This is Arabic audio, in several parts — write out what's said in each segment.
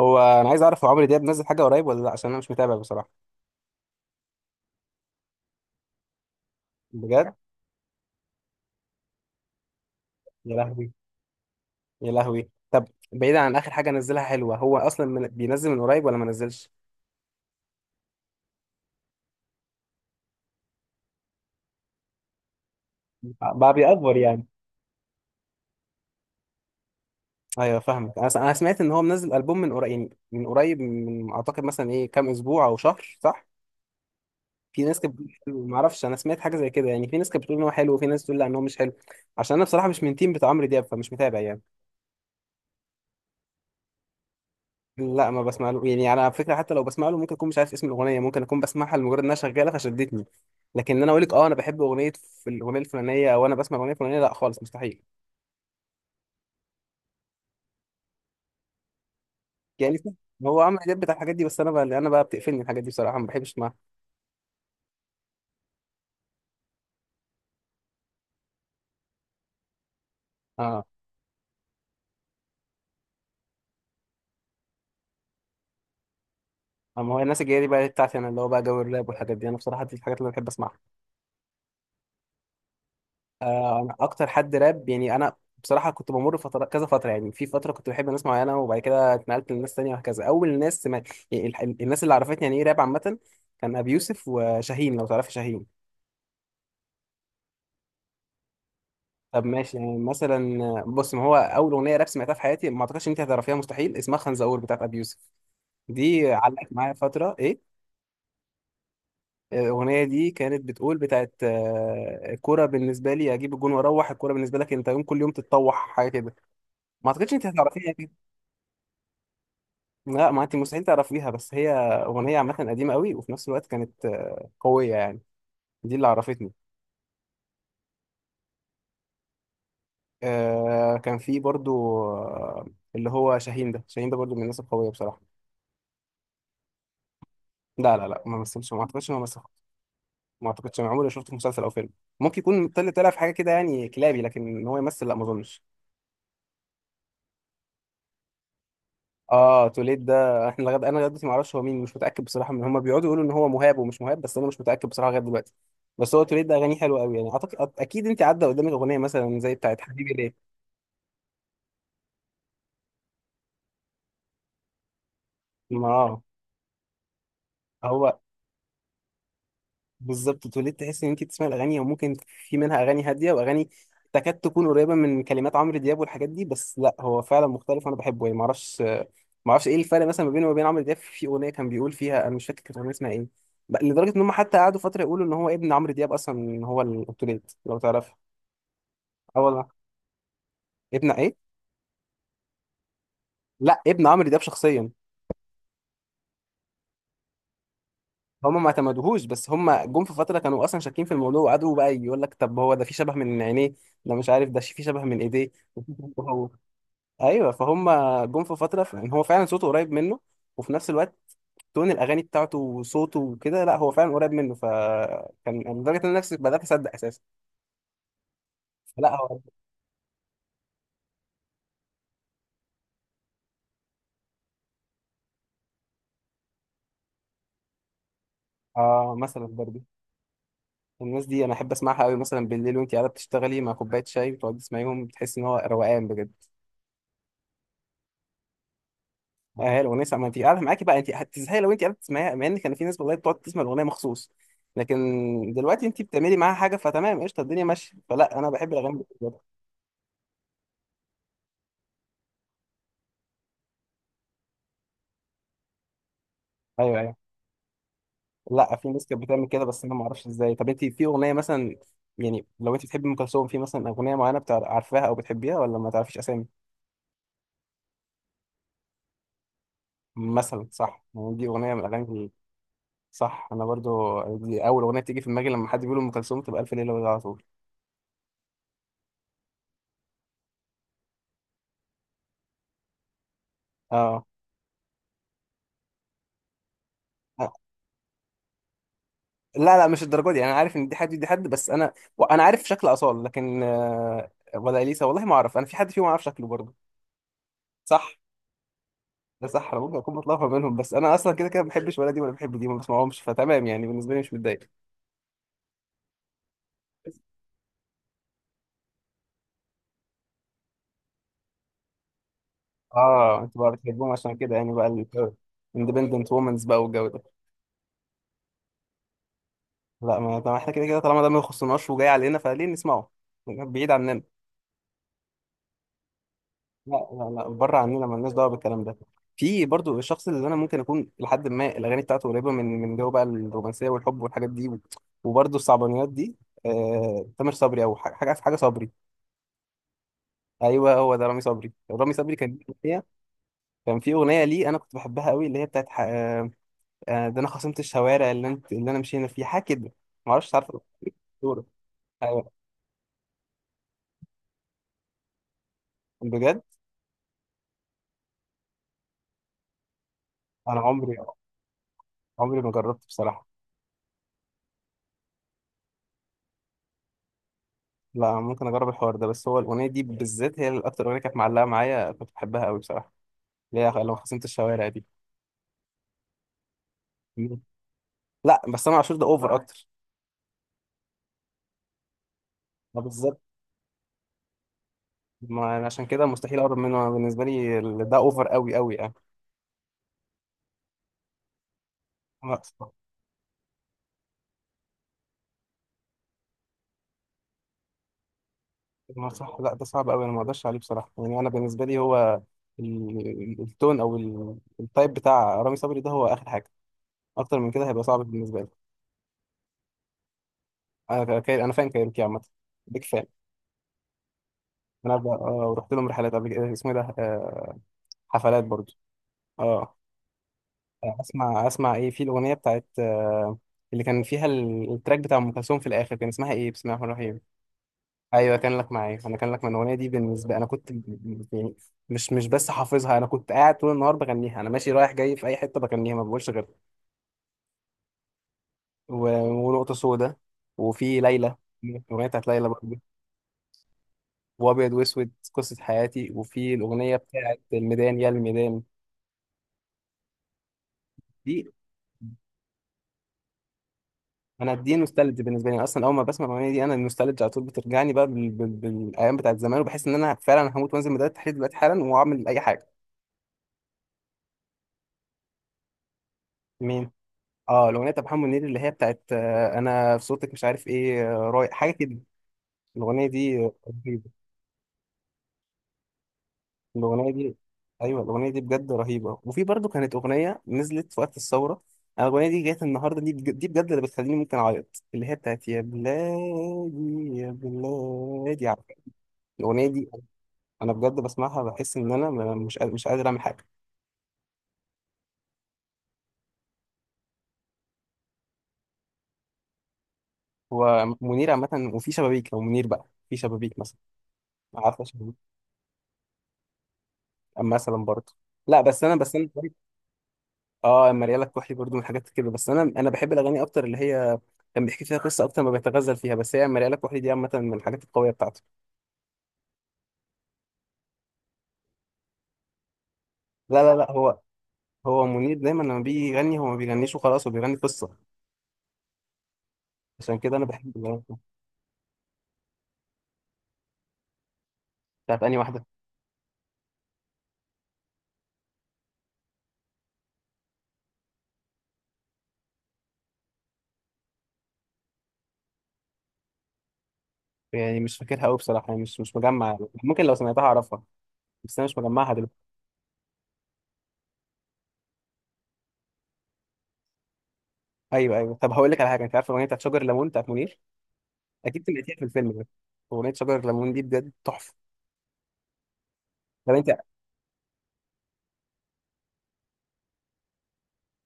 هو انا عايز اعرف هو عمرو دياب نزل حاجه قريب ولا لا عشان انا مش متابع بصراحه. بجد؟ يا لهوي. يا لهوي، طب بعيدا عن اخر حاجه نزلها حلوه، هو اصلا بينزل من قريب ولا ما نزلش؟ بقى بيأفور يعني. ايوه فاهمك، أنا سمعت ان هو منزل البوم من قريب، يعني من قريب من اعتقد مثلا ايه، كام اسبوع او شهر صح؟ في ناس كانت بتقول حلو، ما اعرفش، انا سمعت حاجه زي كده، يعني في ناس كانت بتقول ان هو حلو وفي ناس بتقول لا ان هو مش حلو. عشان انا بصراحه مش من تيم بتاع عمرو دياب، فمش متابع يعني. لا ما بسمع له، يعني انا على فكره حتى لو بسمع له ممكن اكون مش عارف اسم الاغنيه، ممكن اكون بسمعها لمجرد انها شغاله فشدتني، لكن إن انا اقول لك اه انا بحب اغنيه في الاغنيه الفلانيه، او انا بسمع الاغنيه الفلانيه، لا خالص مستحيل. يعني في- هو عمرو دياب بتاع الحاجات دي، بس انا بقى بتقفلني الحاجات دي بصراحه، ما بحبش اسمعها. اه، اما هو الناس الجايه دي بقى بتاعتي انا، اللي هو بقى جو الراب والحاجات دي، انا بصراحه دي الحاجات اللي انا بحب اسمعها. انا اكتر حد راب، يعني انا بصراحه كنت بمر فتره كذا فتره، يعني في فتره كنت بحب ناس معينه وبعد كده اتنقلت لناس تانية وهكذا، اول ناس ما... يعني الناس اللي عرفتني يعني ايه راب عامه، كان ابي يوسف وشاهين، لو تعرف شاهين. طب ماشي، يعني مثلا بص، ما هو اول اغنيه راب سمعتها في حياتي ما اعتقدش ان انت هتعرفيها مستحيل، اسمها خنزقور بتاعت ابي يوسف. دي علقت معايا فتره ايه. الاغنيه دي كانت بتقول بتاعت آه، الكوره بالنسبه لي اجيب الجون واروح، الكوره بالنسبه لك انت يوم كل يوم تتطوح، حاجه كده. ما اعتقدش انت هتعرفيها يعني. لا ما انت مستحيل تعرفيها، بس هي اغنيه عامه قديمه قوي، وفي نفس الوقت كانت قويه يعني. دي اللي عرفتني. كان في برضو اللي هو شاهين ده، شاهين ده برضو من الناس القويه بصراحه. لا ما مثلش، ما اعتقدش انه مثل. ما اعتقدش، انا عمري ما شفته في مسلسل او فيلم. ممكن يكون طلع في حاجه كده يعني كلابي، لكن ان هو يمثل لا ما اظنش. اه توليد ده، انا لغايه دلوقتي ما اعرفش هو مين، مش متاكد بصراحه، من هم بيقعدوا يقولوا ان هو مهاب ومش مهاب، بس انا مش متاكد بصراحه لغايه دلوقتي. بس هو توليد ده اغانيه حلوه قوي يعني، اعتقد اكيد انت عدى قدامك اغنيه مثلا زي بتاعت حبيبي ليه. ما آه. هو بالظبط، اتولدت تحس ان انت بتسمعي الاغاني، وممكن في منها اغاني هاديه واغاني تكاد تكون قريبه من كلمات عمرو دياب والحاجات دي، بس لا هو فعلا مختلف وانا بحبه يعني، ما اعرفش ايه الفرق مثلا ما بينه وما بين عمرو دياب في اغنيه كان بيقول فيها، انا مش فاكر كانت الاغنيه اسمها ايه. لدرجه ان هم حتى قعدوا فتره يقولوا ان هو ابن عمرو دياب اصلا، إن هو الاوتوليت لو تعرف. اه والله. ابن ايه؟ لا ابن عمرو دياب شخصيا. هم ما اعتمدوهوش، بس هم جم في فتره كانوا اصلا شاكين في الموضوع، وقعدوا بقى يقول لك طب هو ده في شبه من عينيه، ده مش عارف ده في شبه من ايديه. ايوه فهم، جم في فتره ان هو فعلا صوته قريب منه، وفي نفس الوقت تون الاغاني بتاعته وصوته وكده، لا هو فعلا قريب منه، فكان لدرجه ان انا نفسي بدات اصدق اساسا. لا هو. اه مثلا برضه. الناس دي انا احب اسمعها قوي مثلا بالليل، وانت قاعده بتشتغلي مع كوبايه شاي وتقعدي تسمعيهم، بتحس ان هو روقان بجد. هي الاغنيه ساعة، ما انت قاعده معاكي بقى انت هتزهقي لو انت قاعده تسمعيها، مع ان كان في ناس والله بتقعد تسمع الاغنيه مخصوص، لكن دلوقتي انت بتعملي معاها حاجه فتمام، قشطه الدنيا ماشيه، فلا انا بحب الاغاني دي بجد. ايوه، ايوه. لا في ناس كانت بتعمل كده، بس انا ما اعرفش ازاي. طب انت في اغنيه مثلا، يعني لو انت بتحبي ام كلثوم في مثلا اغنيه معينه عارفاها او بتحبيها، ولا ما تعرفيش اسامي؟ مثلا صح، يعني دي اغنيه من الاغاني دي. صح، انا برضو دي اول اغنيه بتيجي في دماغي لما حد بيقول ام كلثوم تبقى الف ليله وليله على طول. اه. لا لا، مش الدرجه دي، انا عارف ان دي حد دي حد، بس انا انا عارف شكل اصال، لكن ولا اليسا والله ما اعرف، انا في حد فيهم اعرف شكله برضو صح. ده صح، انا ممكن اكون بتلخبط منهم، بس انا اصلا كده كده ما بحبش ولا دي ولا بحب دي، ما بسمعهمش فتمام يعني، بالنسبه لي مش متضايق. اه انتوا بقى بتحبوهم عشان كده يعني بقى، الاندبندنت وومنز بقى والجو ده. لا، ما طب احنا كده كده طالما ده ما يخصناش وجاي علينا، فليه نسمعه؟ بعيد عننا. لا بره عننا، مالناش دعوه بالكلام ده. في برضو الشخص اللي انا ممكن اكون لحد ما الاغاني بتاعته قريبه من من جو بقى الرومانسيه والحب والحاجات دي وبرضو الصعبانيات دي. آه تامر صبري، او حاجه حاجة صبري. ايوه هو ده رامي صبري. رامي صبري كان ليه أغنية- كان في اغنيه ليه انا كنت بحبها قوي، اللي هي بتاعت ده انا خصمت الشوارع اللي انت، اللي انا مشينا فيها، حاجه كده ما اعرفش، عارفه؟ دورة. ايوه. بجد؟ انا عمري ما جربت بصراحه. لا ممكن اجرب الحوار ده، بس هو الاغنيه دي بالذات هي الاكتر اغنيه كانت معلقه معايا، كنت بحبها قوي بصراحه، اللي هي لما خصمت الشوارع دي. مم. لا بس انا عاشور ده اوفر اكتر. ما بالظبط، ما أنا عشان كده مستحيل اقرب منه، أنا بالنسبه لي ده اوفر قوي قوي يعني. لا. ما صح، لا ده صعب قوي، انا ما اقدرش عليه بصراحه، يعني انا بالنسبه لي هو التون او التايب بتاع رامي صبري ده هو اخر حاجه، اكتر من كده هيبقى صعب بالنسبه لي. انا كاير، انا فان كايروكي عامه، بيك فان. انا ب- آه، رحت لهم رحلات قبل كده، اسمه إيه ده، حفلات برضو. اه. اسمع ايه، في الاغنيه بتاعت اللي كان فيها التراك بتاع ام كلثوم في الاخر، كان اسمها ايه، بسم الله الرحمن الرحيم. ايوه كان لك معايا، انا كان لك من الاغنيه دي بالنسبه، انا كنت يعني مش بس حافظها، انا كنت قاعد طول النهار بغنيها، انا ماشي رايح جاي في اي حته بغنيها، ما بقولش غيرها. و- ونقطه سودا. وفي ليلى، الاغنيه بتاعت ليلى برضه. وابيض واسود قصه حياتي. وفي الاغنيه بتاعت الميدان يا الميدان. دي انا دي نوستالجي بالنسبه لي، اصلا اول ما بسمع الاغنيه دي انا النوستالجي على طول بترجعني بقى بالايام بتاعت زمان، وبحس ان انا فعلا هموت وانزل ميدان التحرير دلوقتي حالا واعمل اي حاجه. اه الاغنيه بتاع محمد منير، اللي هي بتاعت انا في صوتك مش عارف ايه رايح، حاجه كده. الاغنيه دي رهيبه. الاغنيه دي، ايوه الاغنيه دي بجد رهيبه. وفي برضو كانت اغنيه نزلت في وقت الثوره، انا الاغنيه دي جت النهارده، دي بجد اللي بتخليني ممكن اعيط، اللي هي بتاعت يا بلادي يا بلادي، عارفة؟ الاغنيه دي انا بجد بسمعها بحس ان انا مش قادر اعمل حاجه. هو منير عامه، وفي شبابيك، لو منير بقى في شبابيك مثلا، عارفه شبابيك؟ مثلا برضه. لا بس انا اه مريالة الكحلي برضو من الحاجات كده، بس انا انا بحب الاغاني اكتر اللي هي كان بيحكي فيها قصه اكتر ما بيتغزل فيها، بس هي مريالة الكحلي دي عامه من الحاجات القويه بتاعته. لا هو هو منير دايما لما بيجي يغني هو ما بيغنيش وخلاص، هو بيغني قصه، عشان كده انا بحب الاغاني بتاعته. بتاعت انهي واحده يعني؟ مش فاكرها قوي بصراحه، يعني مش مجمع. ممكن لو سمعتها اعرفها، بس انا مش مجمعها دلوقتي. ايوه، ايوه. طب هقول لك على حاجه، انت عارف الاغنيه بتاعت شجر الليمون بتاعت منير؟ اكيد سمعتيها في الفيلم ده. اغنيه شجر الليمون دي بجد تحفه. طب انت،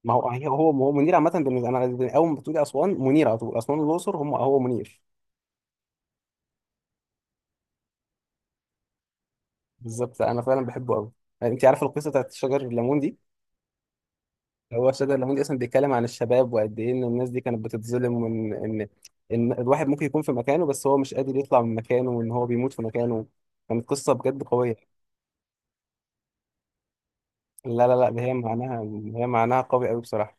ما هو هو منير عامة بالنسبة، أنا أول ما بتقولي أسوان منير على طول، أسوان والأقصر هم هو منير. بالظبط، أنا فعلا بحبه أوي. يعني أنت عارف القصة بتاعت شجر الليمون دي؟ هو شجر الليمون دي أصلا بيتكلم عن الشباب، وقد إيه إن الناس دي كانت بتتظلم، وإن إن إن الواحد ممكن يكون في مكانه، بس هو مش قادر يطلع من مكانه، وإن هو بيموت في مكانه. كانت قصة بجد قوية. لا ده هي معناها، هي معناها قوي أوي بصراحة.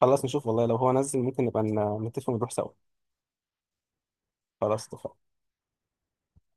خلاص نشوف والله، لو هو نزل ممكن نبقى نتفق ونروح سوا. خلاص اتفقنا.